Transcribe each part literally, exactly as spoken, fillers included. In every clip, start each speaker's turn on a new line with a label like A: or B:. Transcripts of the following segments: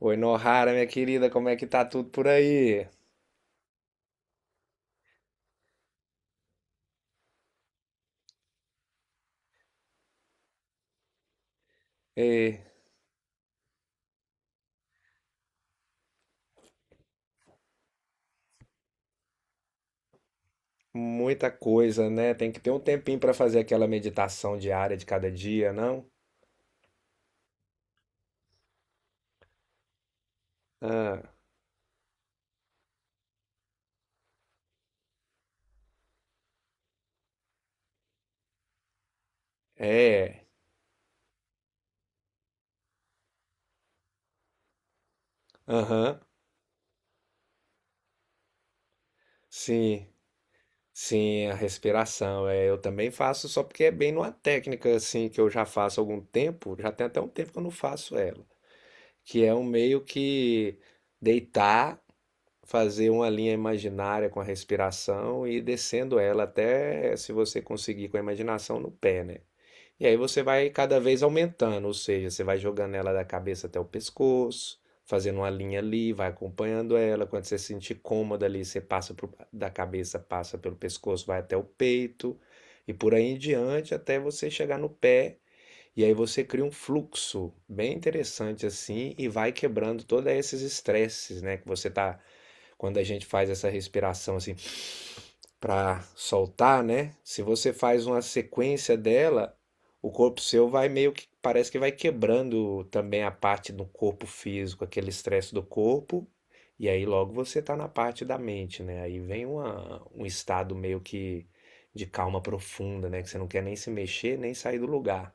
A: Oi, Nohara, minha querida, como é que tá tudo por aí? Ei, muita coisa, né? Tem que ter um tempinho pra fazer aquela meditação diária de cada dia, não? Ah, é. Aham. Sim. Sim, a respiração. É, eu também faço só porque é bem numa técnica assim que eu já faço há algum tempo, já tem até um tempo que eu não faço ela, que é um meio que deitar, fazer uma linha imaginária com a respiração e ir descendo ela até, se você conseguir com a imaginação, no pé, né? E aí você vai cada vez aumentando, ou seja, você vai jogando ela da cabeça até o pescoço, fazendo uma linha ali, vai acompanhando ela. Quando você se sentir cômoda ali, você passa pro- da cabeça, passa pelo pescoço, vai até o peito, e por aí em diante até você chegar no pé, e aí você cria um fluxo bem interessante assim e vai quebrando todos esses estresses, né? Que você tá. Quando a gente faz essa respiração assim para soltar, né? Se você faz uma sequência dela, o corpo seu vai meio que parece que vai quebrando também a parte do corpo físico, aquele estresse do corpo. E aí logo você tá na parte da mente, né? Aí vem uma, um estado meio que de calma profunda, né? Que você não quer nem se mexer, nem sair do lugar.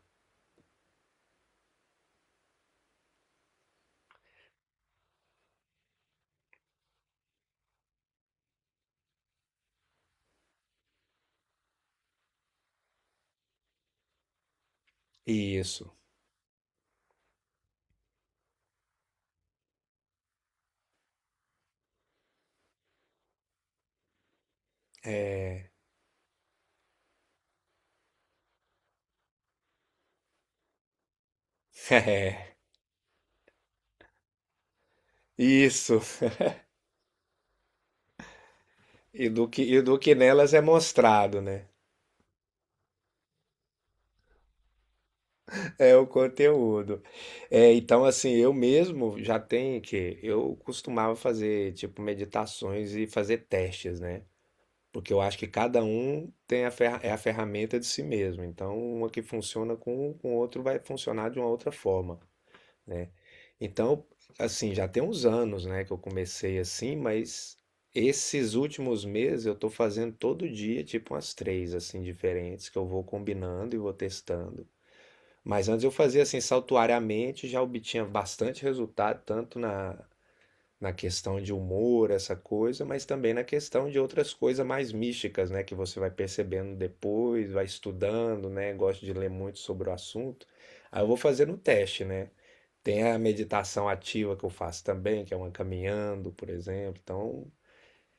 A: Isso. É, isso. E do que, e do que nelas é mostrado, né? É o conteúdo. É, então, assim, eu mesmo já tenho que. Eu costumava fazer, tipo, meditações e fazer testes, né? Porque eu acho que cada um tem a, ferra é a ferramenta de si mesmo. Então, uma que funciona com um, com o outro vai funcionar de uma outra forma. Né? Então, assim, já tem uns anos, né, que eu comecei assim, mas esses últimos meses eu tô fazendo todo dia, tipo umas três, assim, diferentes, que eu vou combinando e vou testando. Mas antes eu fazia assim, saltuariamente, já obtinha bastante resultado, tanto na, na questão de humor, essa coisa, mas também na questão de outras coisas mais místicas, né, que você vai percebendo depois, vai estudando, né, gosto de ler muito sobre o assunto. Aí eu vou fazendo o teste, né? Tem a meditação ativa que eu faço também, que é uma caminhando, por exemplo. Então,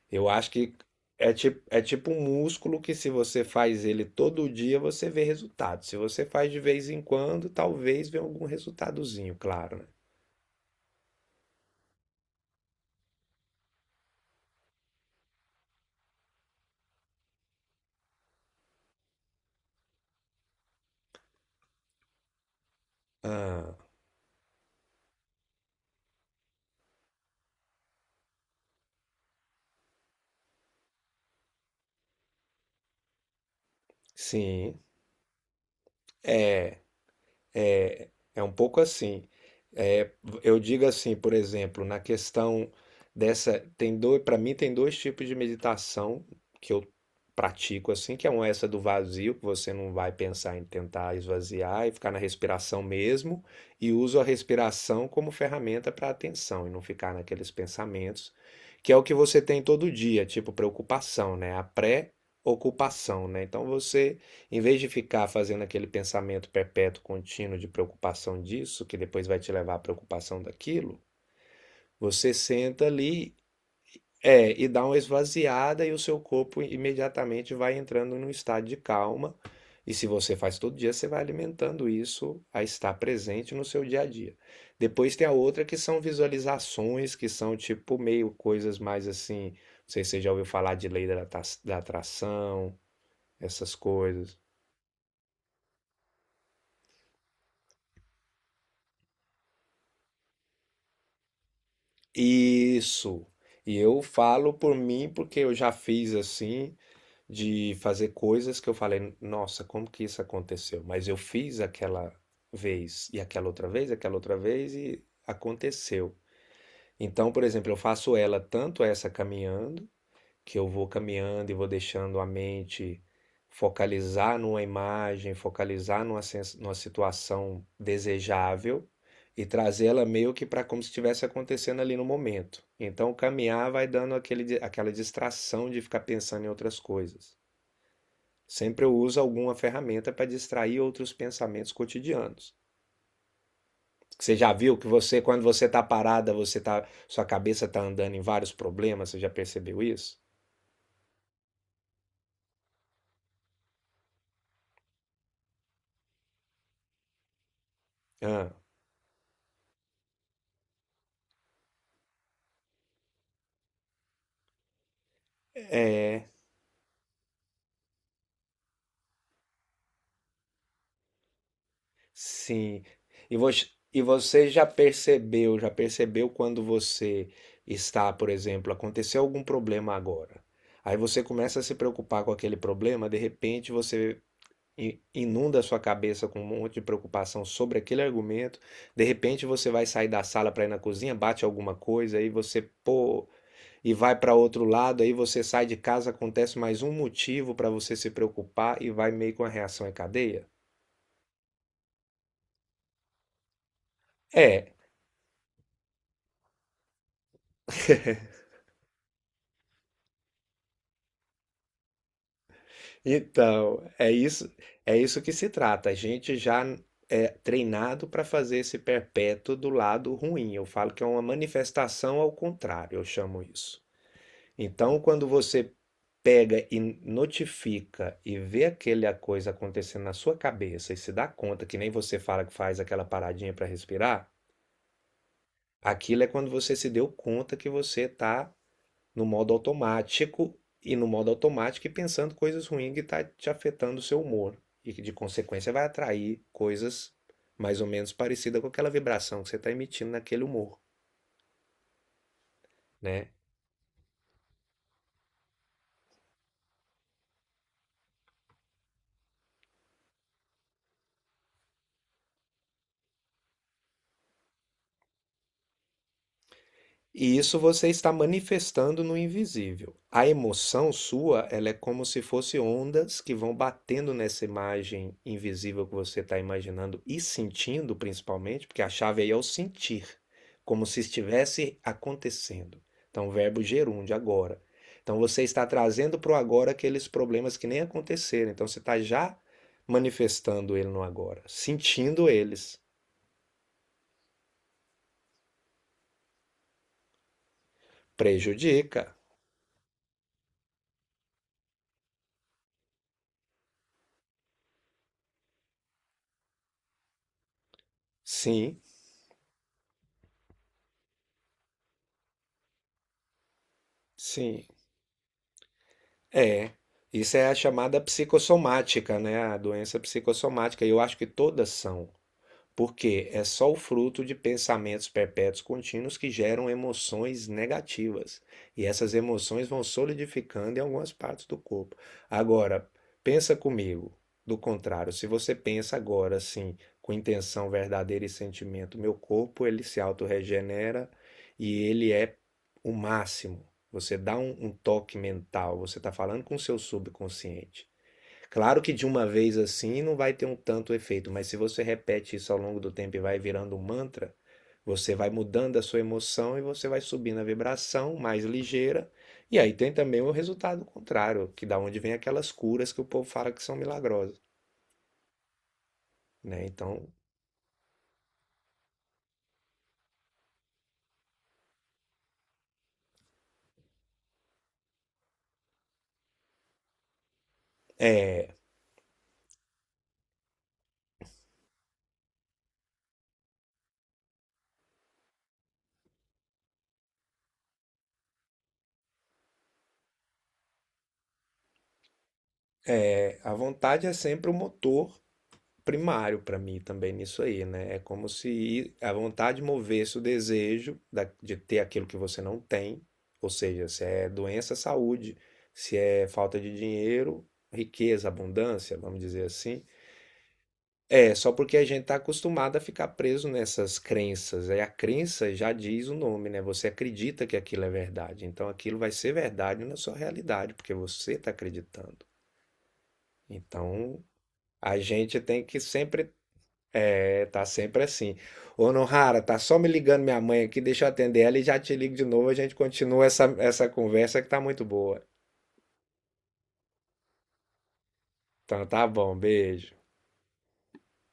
A: eu acho que é tipo, é tipo um músculo que se você faz ele todo dia, você vê resultado. Se você faz de vez em quando, talvez venha algum resultadozinho, claro, né? Ah, sim. É um pouco assim. É, eu digo assim, por exemplo, na questão dessa, tem dois, para mim tem dois tipos de meditação que eu pratico assim, que é uma essa do vazio, que você não vai pensar em tentar esvaziar e ficar na respiração mesmo, e uso a respiração como ferramenta para atenção e não ficar naqueles pensamentos, que é o que você tem todo dia, tipo preocupação, né? A pré-ocupação, né? Então você, em vez de ficar fazendo aquele pensamento perpétuo, contínuo de preocupação disso, que depois vai te levar à preocupação daquilo, você senta ali, é, e dá uma esvaziada e o seu corpo imediatamente vai entrando num estado de calma. E se você faz todo dia, você vai alimentando isso a estar presente no seu dia a dia. Depois tem a outra que são visualizações, que são tipo meio coisas mais assim. Não sei se você já ouviu falar de lei da da atração, essas coisas. Isso. E eu falo por mim porque eu já fiz assim, de fazer coisas que eu falei, nossa, como que isso aconteceu? Mas eu fiz aquela vez, e aquela outra vez, aquela outra vez, e aconteceu. Então, por exemplo, eu faço ela tanto essa caminhando, que eu vou caminhando e vou deixando a mente focalizar numa imagem, focalizar numa, numa situação desejável e trazê-la meio que para como se estivesse acontecendo ali no momento. Então, caminhar vai dando aquele, aquela distração de ficar pensando em outras coisas. Sempre eu uso alguma ferramenta para distrair outros pensamentos cotidianos. Você já viu que você, quando você está parada, você tá, sua cabeça está andando em vários problemas, você já percebeu isso? Ah, é. Sim. E você, e você já percebeu, já percebeu quando você está, por exemplo, aconteceu algum problema agora. Aí você começa a se preocupar com aquele problema, de repente você i- inunda a sua cabeça com um monte de preocupação sobre aquele argumento. De repente você vai sair da sala para ir na cozinha, bate alguma coisa, aí você, pô, e vai para outro lado, aí você sai de casa, acontece mais um motivo para você se preocupar e vai meio com a reação em cadeia. É. Então, é isso, é isso que se trata. A gente já é treinado para fazer esse perpétuo do lado ruim. Eu falo que é uma manifestação ao contrário, eu chamo isso. Então, quando você pega e notifica e vê aquela coisa acontecendo na sua cabeça e se dá conta, que nem você fala que faz aquela paradinha para respirar, aquilo é quando você se deu conta que você está no modo automático e no modo automático e pensando coisas ruins que está te afetando o seu humor e que de consequência vai atrair coisas mais ou menos parecidas com aquela vibração que você está emitindo naquele humor, né? E isso você está manifestando no invisível. A emoção sua, ela é como se fosse ondas que vão batendo nessa imagem invisível que você está imaginando e sentindo, principalmente, porque a chave aí é o sentir, como se estivesse acontecendo. Então, verbo gerúndio, agora. Então, você está trazendo para o agora aqueles problemas que nem aconteceram. Então, você está já manifestando ele no agora, sentindo eles. Prejudica. Sim, sim. É, isso é a chamada psicossomática, né? A doença psicossomática. E eu acho que todas são, porque é só o fruto de pensamentos perpétuos contínuos que geram emoções negativas. E essas emoções vão solidificando em algumas partes do corpo. Agora, pensa comigo. Do contrário, se você pensa agora assim, com intenção verdadeira e sentimento, meu corpo ele se autorregenera e ele é o máximo. Você dá um, um toque mental, você está falando com o seu subconsciente. Claro que de uma vez assim não vai ter um tanto efeito, mas se você repete isso ao longo do tempo e vai virando um mantra, você vai mudando a sua emoção e você vai subindo a vibração mais ligeira. E aí tem também o resultado contrário, que da onde vem aquelas curas que o povo fala que são milagrosas, né? Então, é, é, a vontade é sempre o motor primário para mim também nisso aí, né? É como se a vontade movesse o desejo da- de ter aquilo que você não tem, ou seja, se é doença, saúde, se é falta de dinheiro, riqueza, abundância, vamos dizer assim. É só porque a gente está acostumado a ficar preso nessas crenças. Aí a crença já diz o nome, né? Você acredita que aquilo é verdade, então aquilo vai ser verdade na sua realidade, porque você está acreditando. Então, a gente tem que sempre. É, tá sempre assim. Ô, Nohara, tá só me ligando minha mãe aqui, deixa eu atender ela e já te ligo de novo, a gente continua essa, essa conversa que tá muito boa. Então tá bom, beijo.